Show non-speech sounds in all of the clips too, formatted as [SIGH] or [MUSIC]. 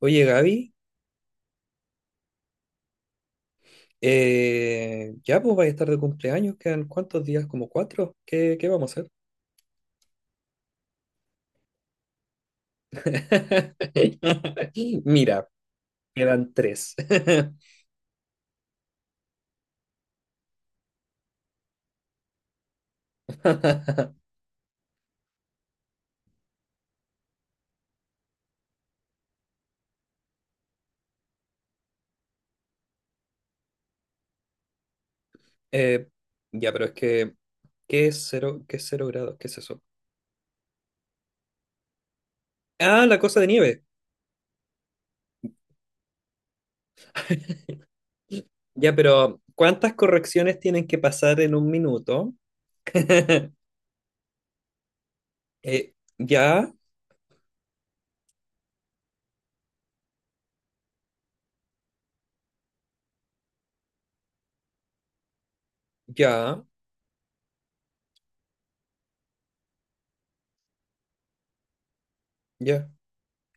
Oye, Gaby, ya pues vais a estar de cumpleaños, quedan cuántos días, como 4, ¿qué vamos a hacer? [LAUGHS] Mira, quedan 3. [LAUGHS] Eh, ya, pero es que, ¿qué es cero grados? ¿Qué es eso? Ah, la cosa de nieve. Ya, pero ¿cuántas correcciones tienen que pasar en un minuto? Ya, ya, ya.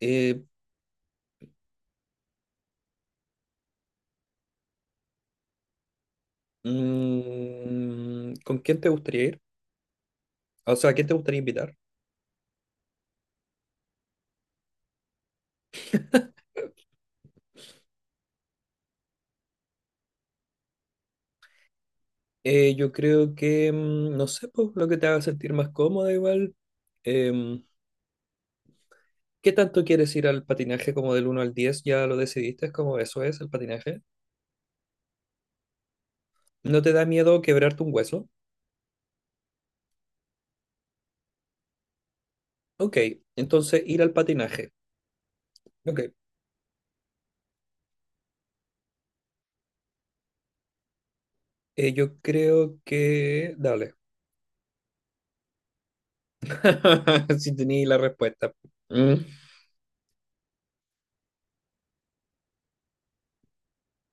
Eh, ¿Con quién te gustaría ir? O sea, ¿a quién te gustaría invitar? Yo creo que, no sé, pues, lo que te haga sentir más cómoda igual. Em, ¿Qué tanto quieres ir al patinaje como del uno al 10? ¿Ya lo decidiste? ¿Es como eso es el patinaje? ¿No te da miedo quebrarte un hueso? Ok, entonces ir al patinaje. Ok, yo creo que. Dale, [LAUGHS] si tenía la respuesta. Mm,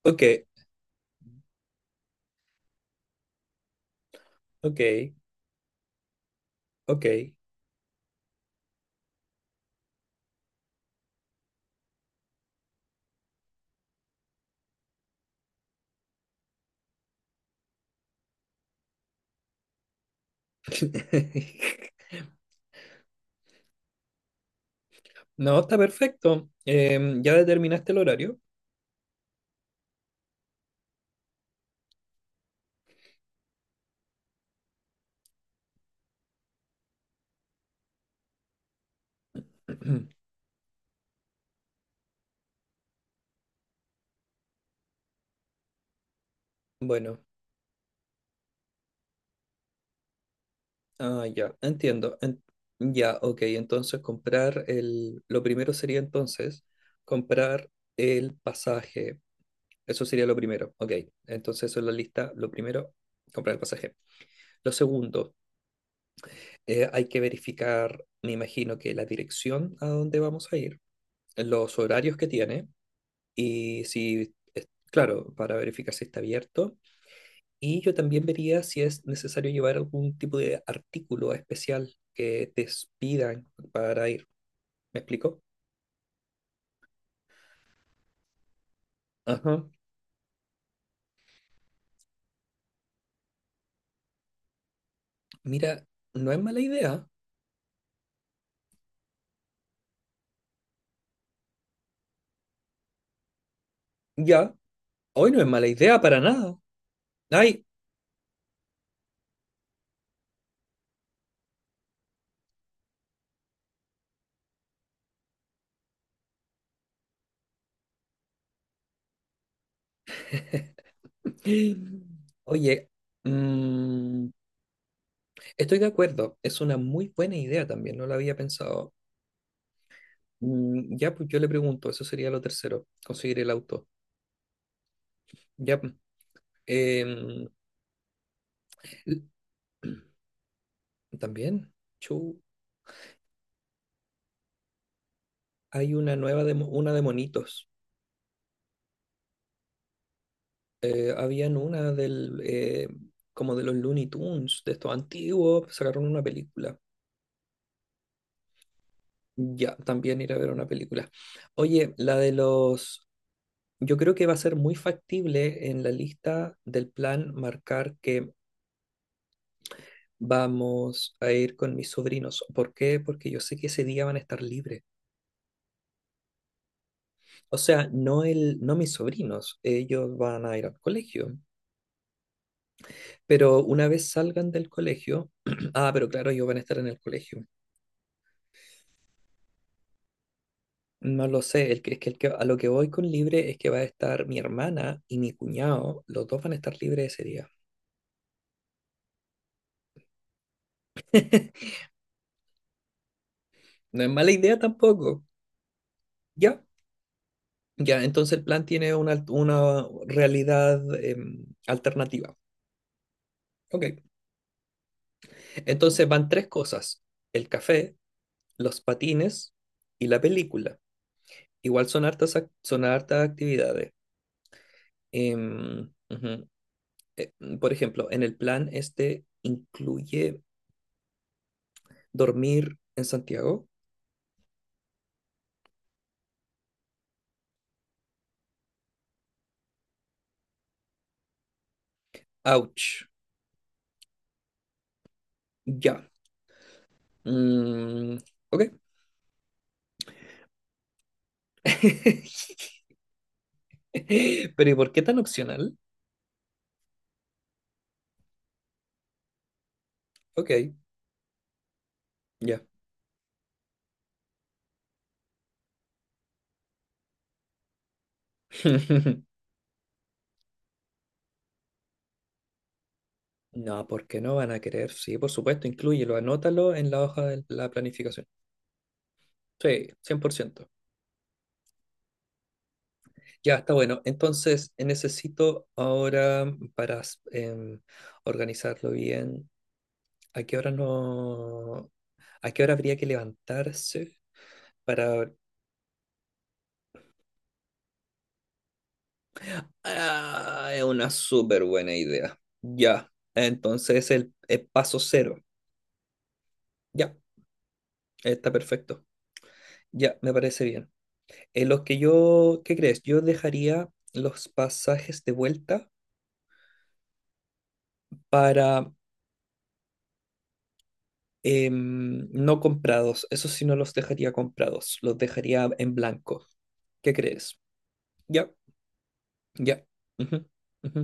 Ok, ok, ok. [LAUGHS] No, está perfecto. ¿Ya determinaste el horario? [CLEARS THROAT] Bueno. Ah, ya, entiendo. Ya, ok, entonces Lo primero sería entonces comprar el pasaje. Eso sería lo primero, ok. Entonces eso es la lista. Lo primero, comprar el pasaje. Lo segundo, hay que verificar, me imagino que la dirección a donde vamos a ir, los horarios que tiene y si, claro, para verificar si está abierto. Y yo también vería si es necesario llevar algún tipo de artículo especial que te pidan para ir. ¿Me explico? Ajá. Mira, no es mala idea. Ya, hoy no es mala idea para nada. Ay, oye, mm, estoy de acuerdo. Es una muy buena idea también, no la había pensado. Ya, pues yo le pregunto, eso sería lo tercero, conseguir el auto. Ya, pues, em, [CLEARS THROAT] también, chu, hay una nueva de, una de monitos. Habían una del, como de los Looney Tunes, de estos antiguos, sacaron una película. Ya, también ir a ver una película. Oye, yo creo que va a ser muy factible en la lista del plan marcar que vamos a ir con mis sobrinos. ¿Por qué? Porque yo sé que ese día van a estar libres. O sea, no, no mis sobrinos, ellos van a ir al colegio. Pero una vez salgan del colegio, [CLEARS THROAT] ah, pero claro, ellos van a estar en el colegio. No lo sé, el que, es que, el que a lo que voy con libre es que va a estar mi hermana y mi cuñado, los dos van a estar libres ese día. [LAUGHS] No es mala idea tampoco. Ya, ya, entonces el plan tiene una realidad alternativa. Ok, entonces van tres cosas, el café, los patines y la película. Igual son hartas, son hartas actividades. Ujú. Eh, por ejemplo, en el plan este incluye dormir en Santiago. Ouch. Ya. Mm, ok. [LAUGHS] Pero ¿y por qué tan opcional? Ok, ya. [LAUGHS] No, porque no van a querer. Sí, por supuesto, inclúyelo, anótalo en la hoja de la planificación. Sí, 100%. Ya, está bueno. Entonces, necesito ahora para em, organizarlo bien, ¿a qué hora no, ¿a qué hora habría que levantarse para Ah, es una súper buena idea. Ya, entonces el paso cero. Ya, está perfecto. Ya, me parece bien. En los que yo, ¿qué crees? Yo dejaría los pasajes de vuelta para no comprados. Eso sí, no los dejaría comprados. Los dejaría en blanco. ¿Qué crees? Ya, ya. Ujú, ujú.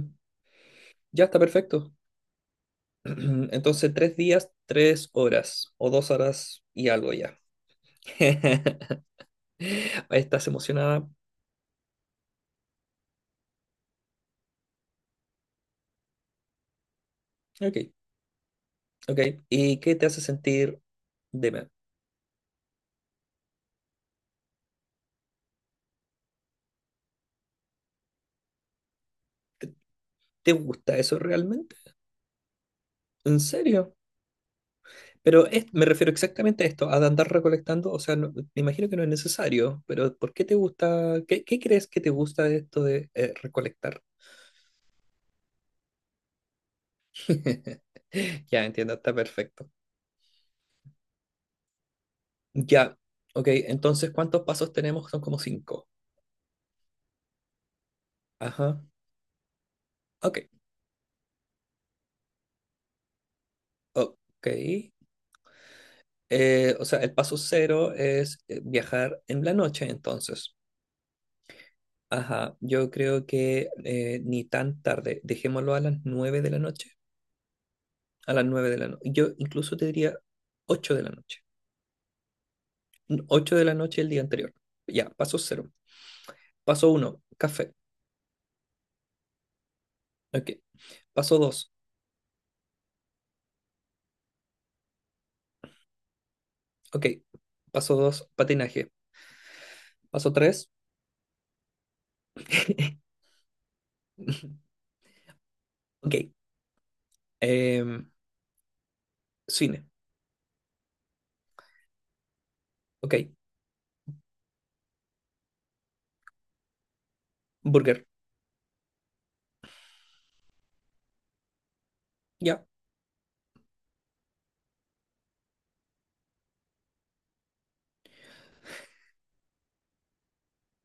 Ya está perfecto. [CLEARS THROAT] Entonces, 3 días, 3 horas o 2 horas y algo ya. [LAUGHS] Estás emocionada. Ok, ok. ¿Y qué te hace sentir? Dime, ¿te gusta eso realmente? ¿En serio? Pero me refiero exactamente a esto, a andar recolectando. O sea, me imagino que no es necesario, pero ¿por qué te gusta? ¿Qué crees que te gusta de esto de recolectar? [LAUGHS] Ya entiendo, está perfecto. Ya, ok. Entonces, ¿cuántos pasos tenemos? Son como cinco. Ajá. Ok, ok. O sea, el paso cero es viajar en la noche, entonces. Ajá, yo creo que ni tan tarde, dejémoslo a las 9 de la noche, a las 9 de la noche, yo incluso te diría 8 de la noche, 8 de la noche el día anterior, ya, paso cero, paso uno, café, ok, paso dos, ok, paso dos, patinaje, paso tres, [LAUGHS] ok, em, cine, ok, burger, ya,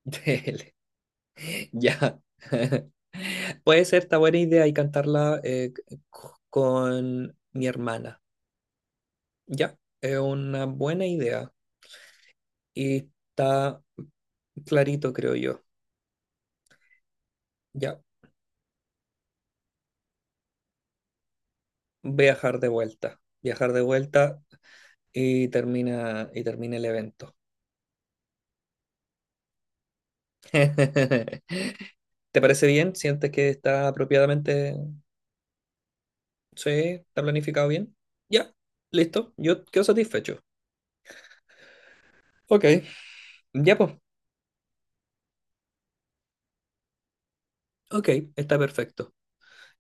[LAUGHS] Tele, ya, [LAUGHS] puede ser, esta buena idea y cantarla con mi hermana. Ya, es una buena idea y está clarito, creo yo. Ya, viajar de vuelta y termina el evento. [LAUGHS] ¿Te parece bien? ¿Sientes que está apropiadamente? Sí, está planificado bien. Ya, listo, yo quedo satisfecho. Ok, ya pues. Ok, está perfecto.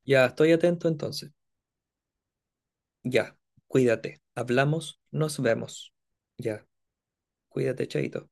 Ya, estoy atento entonces. Ya, cuídate. Hablamos, nos vemos. Ya, cuídate, chaito.